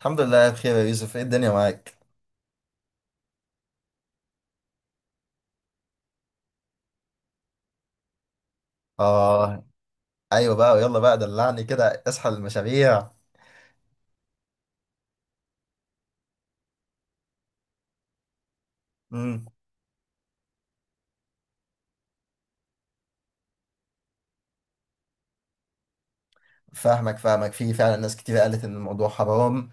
الحمد لله بخير يا يوسف، ايه الدنيا معاك؟ اه، ايوه بقى، ويلا بقى دلعني كده، اصحى المشاريع. امم فاهمك فاهمك، في فعلا ناس كتير قالت ان الموضوع حرام،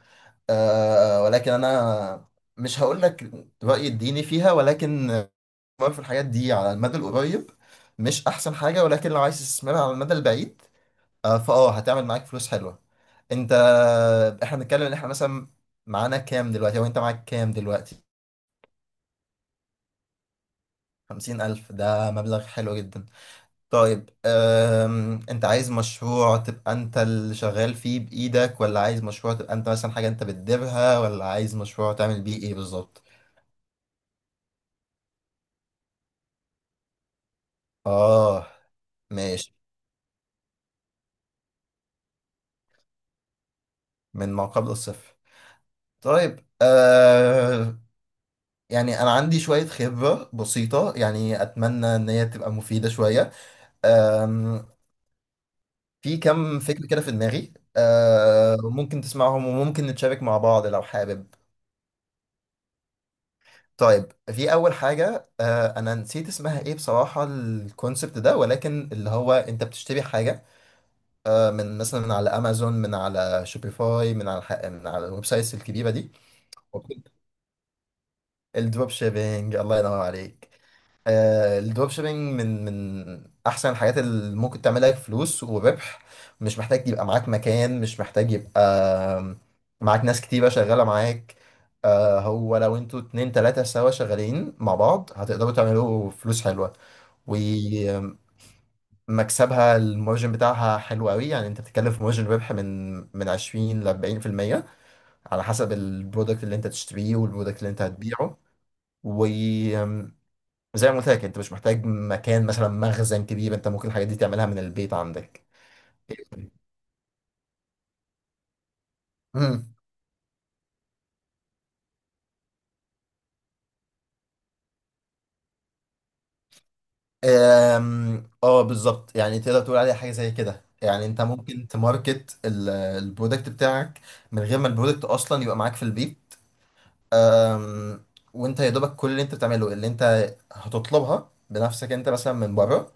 ولكن انا مش هقول لك رايي الديني فيها، ولكن الاستثمار في الحاجات دي على المدى القريب مش احسن حاجه، ولكن لو عايز تستثمرها على المدى البعيد آه فاه هتعمل معاك فلوس حلوه. انت احنا بنتكلم ان احنا مثلا معانا كام دلوقتي، او انت معاك كام دلوقتي؟ 50,000 ده مبلغ حلو جدا. طيب، انت عايز مشروع تبقى انت اللي شغال فيه بإيدك، ولا عايز مشروع تبقى انت مثلا حاجة انت بتديرها، ولا عايز مشروع تعمل بيه ايه بالظبط؟ اه، ماشي. من ما قبل الصفر. طيب. يعني انا عندي شوية خبرة بسيطة، يعني اتمنى ان هي تبقى مفيدة شوية. أم... في كم فكرة كده في دماغي، ممكن تسمعهم، وممكن نتشارك مع بعض لو حابب. طيب، في اول حاجه، انا نسيت اسمها ايه بصراحه الكونسبت ده، ولكن اللي هو انت بتشتري حاجه من مثلا من على امازون، من على شوبيفاي، من على الويب سايتس الكبيره دي. الدروب شيبينج، الله ينور عليك. الدروب شيبينج من احسن الحاجات اللي ممكن تعملها فلوس وربح. مش محتاج يبقى معاك مكان، مش محتاج يبقى آم، معاك ناس كتيرة شغالة معاك. هو لو انتوا اتنين تلاتة سوا شغالين مع بعض، هتقدروا تعملوا فلوس حلوة. ومكسبها، المارجن بتاعها حلو قوي، يعني انت بتتكلم في مارجن ربح من 20 ل 40%، على حسب البرودكت اللي انت تشتريه والبرودكت اللي انت هتبيعه. وزي ما قلت لك، انت مش محتاج مكان، مثلا مخزن كبير، انت ممكن الحاجات دي تعملها من البيت عندك. امم أم، اه، بالظبط، يعني تقدر تقول عليها حاجه زي كده، يعني انت ممكن تماركت البرودكت بتاعك من غير ما البرودكت اصلا يبقى معاك في البيت. أم، وانت يا دوبك كل اللي انت بتعمله، اللي انت هتطلبها بنفسك انت مثلا من بره،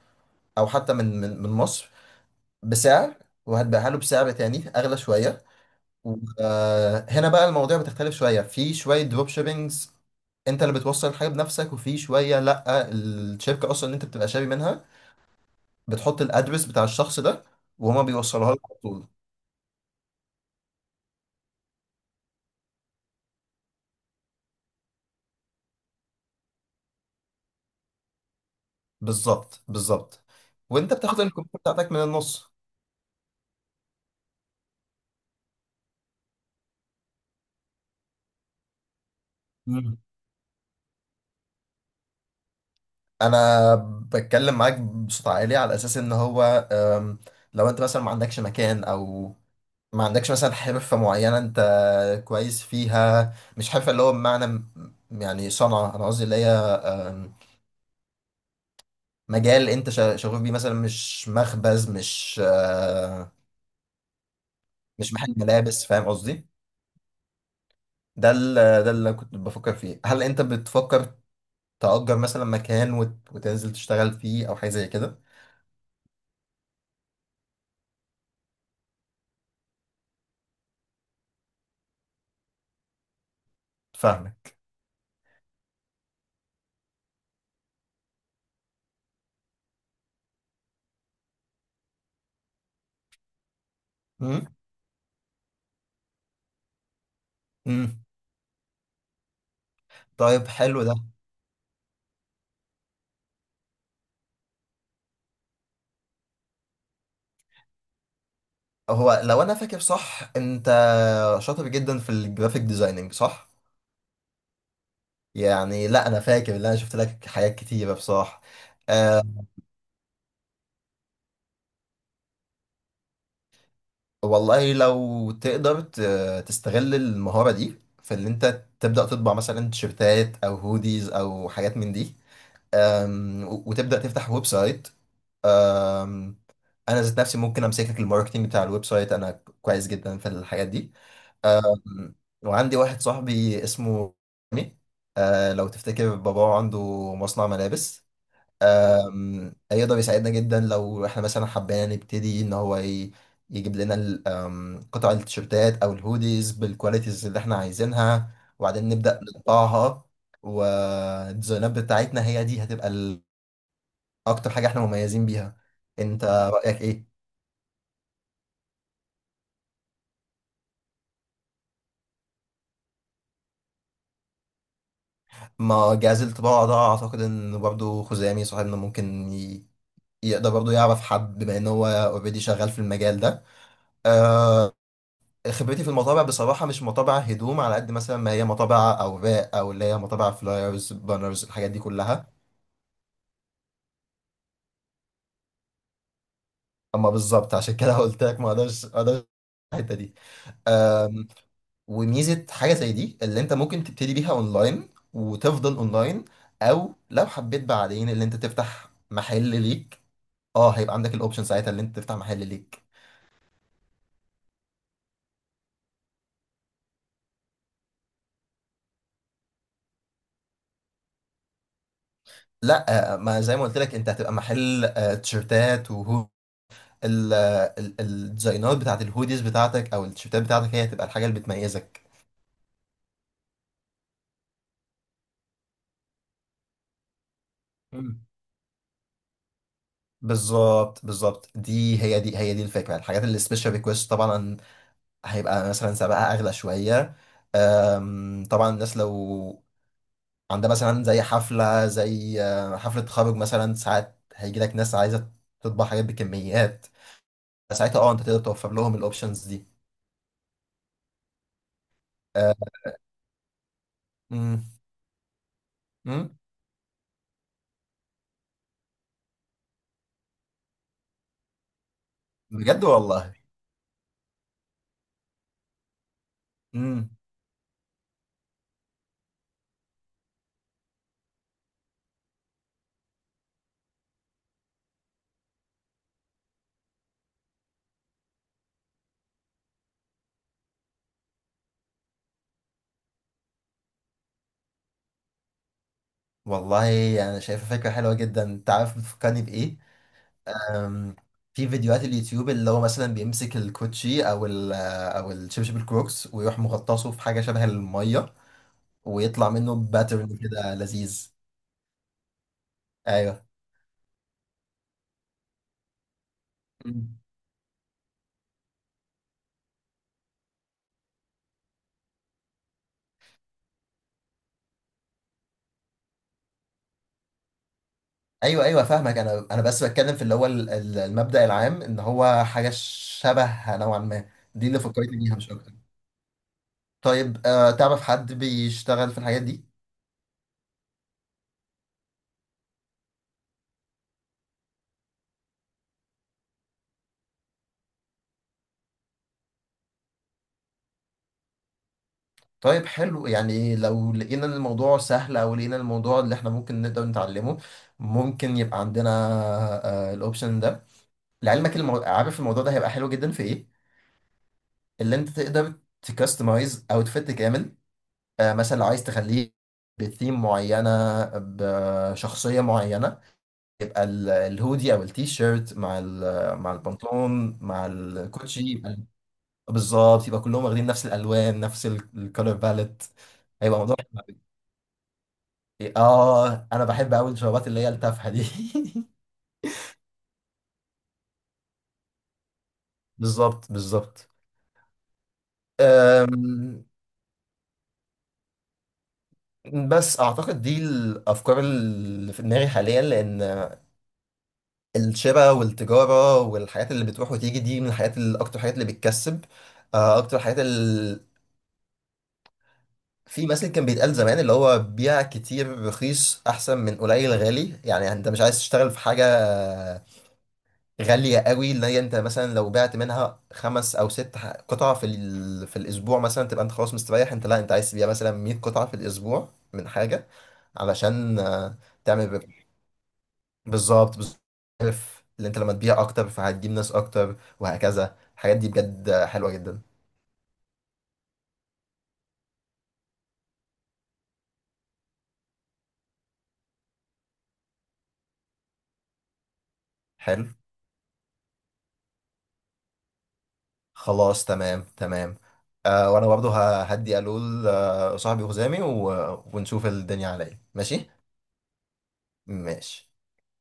او حتى من مصر بسعر، وهتبيعها له بسعر تاني اغلى شويه. هنا بقى المواضيع بتختلف شويه، في شويه دروب شيبينجز انت اللي بتوصل الحاجه بنفسك، وفي شويه لا، الشركه اصلا اللي انت بتبقى شاري منها بتحط الادرس بتاع الشخص ده وهما بيوصلوها لك على طول. بالظبط بالظبط، وانت بتاخد الكومنت بتاعتك من النص. انا بتكلم معاك بصوت عالي على اساس ان هو أم، لو انت مثلا ما عندكش مكان، او ما عندكش مثلا حرفة معينة انت كويس فيها. مش حرفة اللي هو بمعنى يعني صنعة، انا قصدي اللي هي مجال انت شغوف بيه، مثلا مش مخبز، مش مش محل ملابس، فاهم قصدي؟ ده ال- ده اللي كنت بفكر فيه. هل انت بتفكر تأجر مثلا مكان وتنزل تشتغل فيه، او حاجة زي كده؟ فاهمك. مم. مم. طيب، حلو ده. هو لو انا فاكر صح، انت شاطر جدا في الجرافيك ديزايننج صح؟ يعني لا، انا فاكر ان انا شفت لك حاجات كتيره بصراحه. أه والله لو تقدر تستغل المهاره دي في ان انت تبدا تطبع مثلا تيشيرتات او هوديز او حاجات من دي. وتبدا تفتح ويب سايت. أم، انا ذات نفسي ممكن امسك لك الماركتنج بتاع الويب سايت، انا كويس جدا في الحاجات دي. آم، وعندي واحد صاحبي اسمه مي، لو تفتكر باباه عنده مصنع ملابس. هيقدر يساعدنا جدا لو احنا مثلا حبينا نبتدي، ان هو يجيب لنا ال- آم، قطع التيشيرتات او الهوديز بالكواليتيز اللي احنا عايزينها، وبعدين نبدأ نطبعها. والديزاينات بتاعتنا هي دي هتبقى اكتر حاجة احنا مميزين بيها. انت رأيك ايه؟ ما جهاز الطباعة ده اعتقد ان برضه خزامي صاحبنا ممكن يقدر برضه يعرف حد، بما ان هو اوريدي شغال في المجال ده. آه خبرتي في المطابع بصراحة مش مطابع هدوم، على قد مثلا ما هي مطابع اوراق، او اللي هي مطابع فلايرز بانرز الحاجات دي كلها. اما بالظبط، عشان كده قلت لك ما اقدرش ما اقدرش الحتة دي. آم، وميزة حاجة زي دي اللي انت ممكن تبتدي بيها اونلاين وتفضل اونلاين، او لو حبيت بعدين اللي انت تفتح محل ليك، اه هيبقى عندك الاوبشن ساعتها اللي انت تفتح محل ليك. لا، ما زي ما قلت لك، انت هتبقى محل تيشيرتات، وهو الديزاينات بتاعت الهوديز بتاعتك او التيشيرتات بتاعتك هي هتبقى الحاجه اللي بتميزك. مم. بالظبط بالظبط، دي هي دي الفكره. الحاجات اللي سبيشال ريكويست طبعا هيبقى مثلا سعرها اغلى شويه. طبعا الناس لو عندها مثلا زي حفله، زي حفله تخرج مثلا، ساعات هيجي لك ناس عايزه تطبع حاجات بكميات، ساعتها اه انت تقدر توفر لهم الاوبشنز دي. آه، مم. بجد والله. امم والله انا شايفه فكره حلوه جدا، انت عارف بتفكرني بايه؟ أم، في فيديوهات اليوتيوب اللي هو مثلا بيمسك الكوتشي، او الشبشب الكروكس ويروح مغطسه في حاجه شبه الميه، ويطلع منه باترن كده لذيذ. ايوه. مم. ايوه، ايوه. فاهمك، انا بس بتكلم في اللي هو المبدأ العام ان هو حاجه شبه نوعا ما دي اللي فكرتني بيها، مش اكتر. طيب، تعرف حد بيشتغل في الحاجات دي؟ طيب، حلو. يعني لو لقينا إن الموضوع سهل، او لقينا الموضوع اللي احنا ممكن نقدر نتعلمه، ممكن يبقى عندنا الاوبشن ده. لعلمك، عارف الموضوع ده هيبقى حلو جدا في ايه؟ اللي انت تقدر تكستمايز اوتفيت كامل، مثلا لو عايز تخليه بثيم معينة، بشخصية معينة، يبقى الهودي او التي شيرت مع مع البنطلون مع الكوتشي، يبقى بالظبط، يبقى كلهم واخدين نفس الالوان، نفس الكالر باليت. هيبقى موضوع. اه، انا بحب قوي الشرابات اللي هي التافهه دي. بالظبط بالظبط. أم، بس اعتقد دي الافكار اللي في دماغي حاليا، لان الشراء والتجاره والحاجات اللي بتروح وتيجي دي من الحاجات اللي اكتر حاجات اللي بتكسب، اكتر حاجات اللي في مثل كان بيتقال زمان اللي هو بيع كتير رخيص احسن من قليل غالي. يعني انت مش عايز تشتغل في حاجه غالية قوي، اللي هي انت مثلا لو بعت منها خمس او ست قطع في الاسبوع مثلا، تبقى انت خلاص مستريح. انت لا، انت عايز تبيع مثلا 100 قطعة في الاسبوع من حاجة، علشان تعمل بالظبط بالظبط. عارف، اللي انت لما تبيع اكتر فهتجيب ناس اكتر، وهكذا الحاجات دي بجد حلوة جدا. حلو. خلاص، تمام تمام. وانا برضه هدي الول صاحبي وخزامي ونشوف الدنيا على ايه. ماشي. ماشي.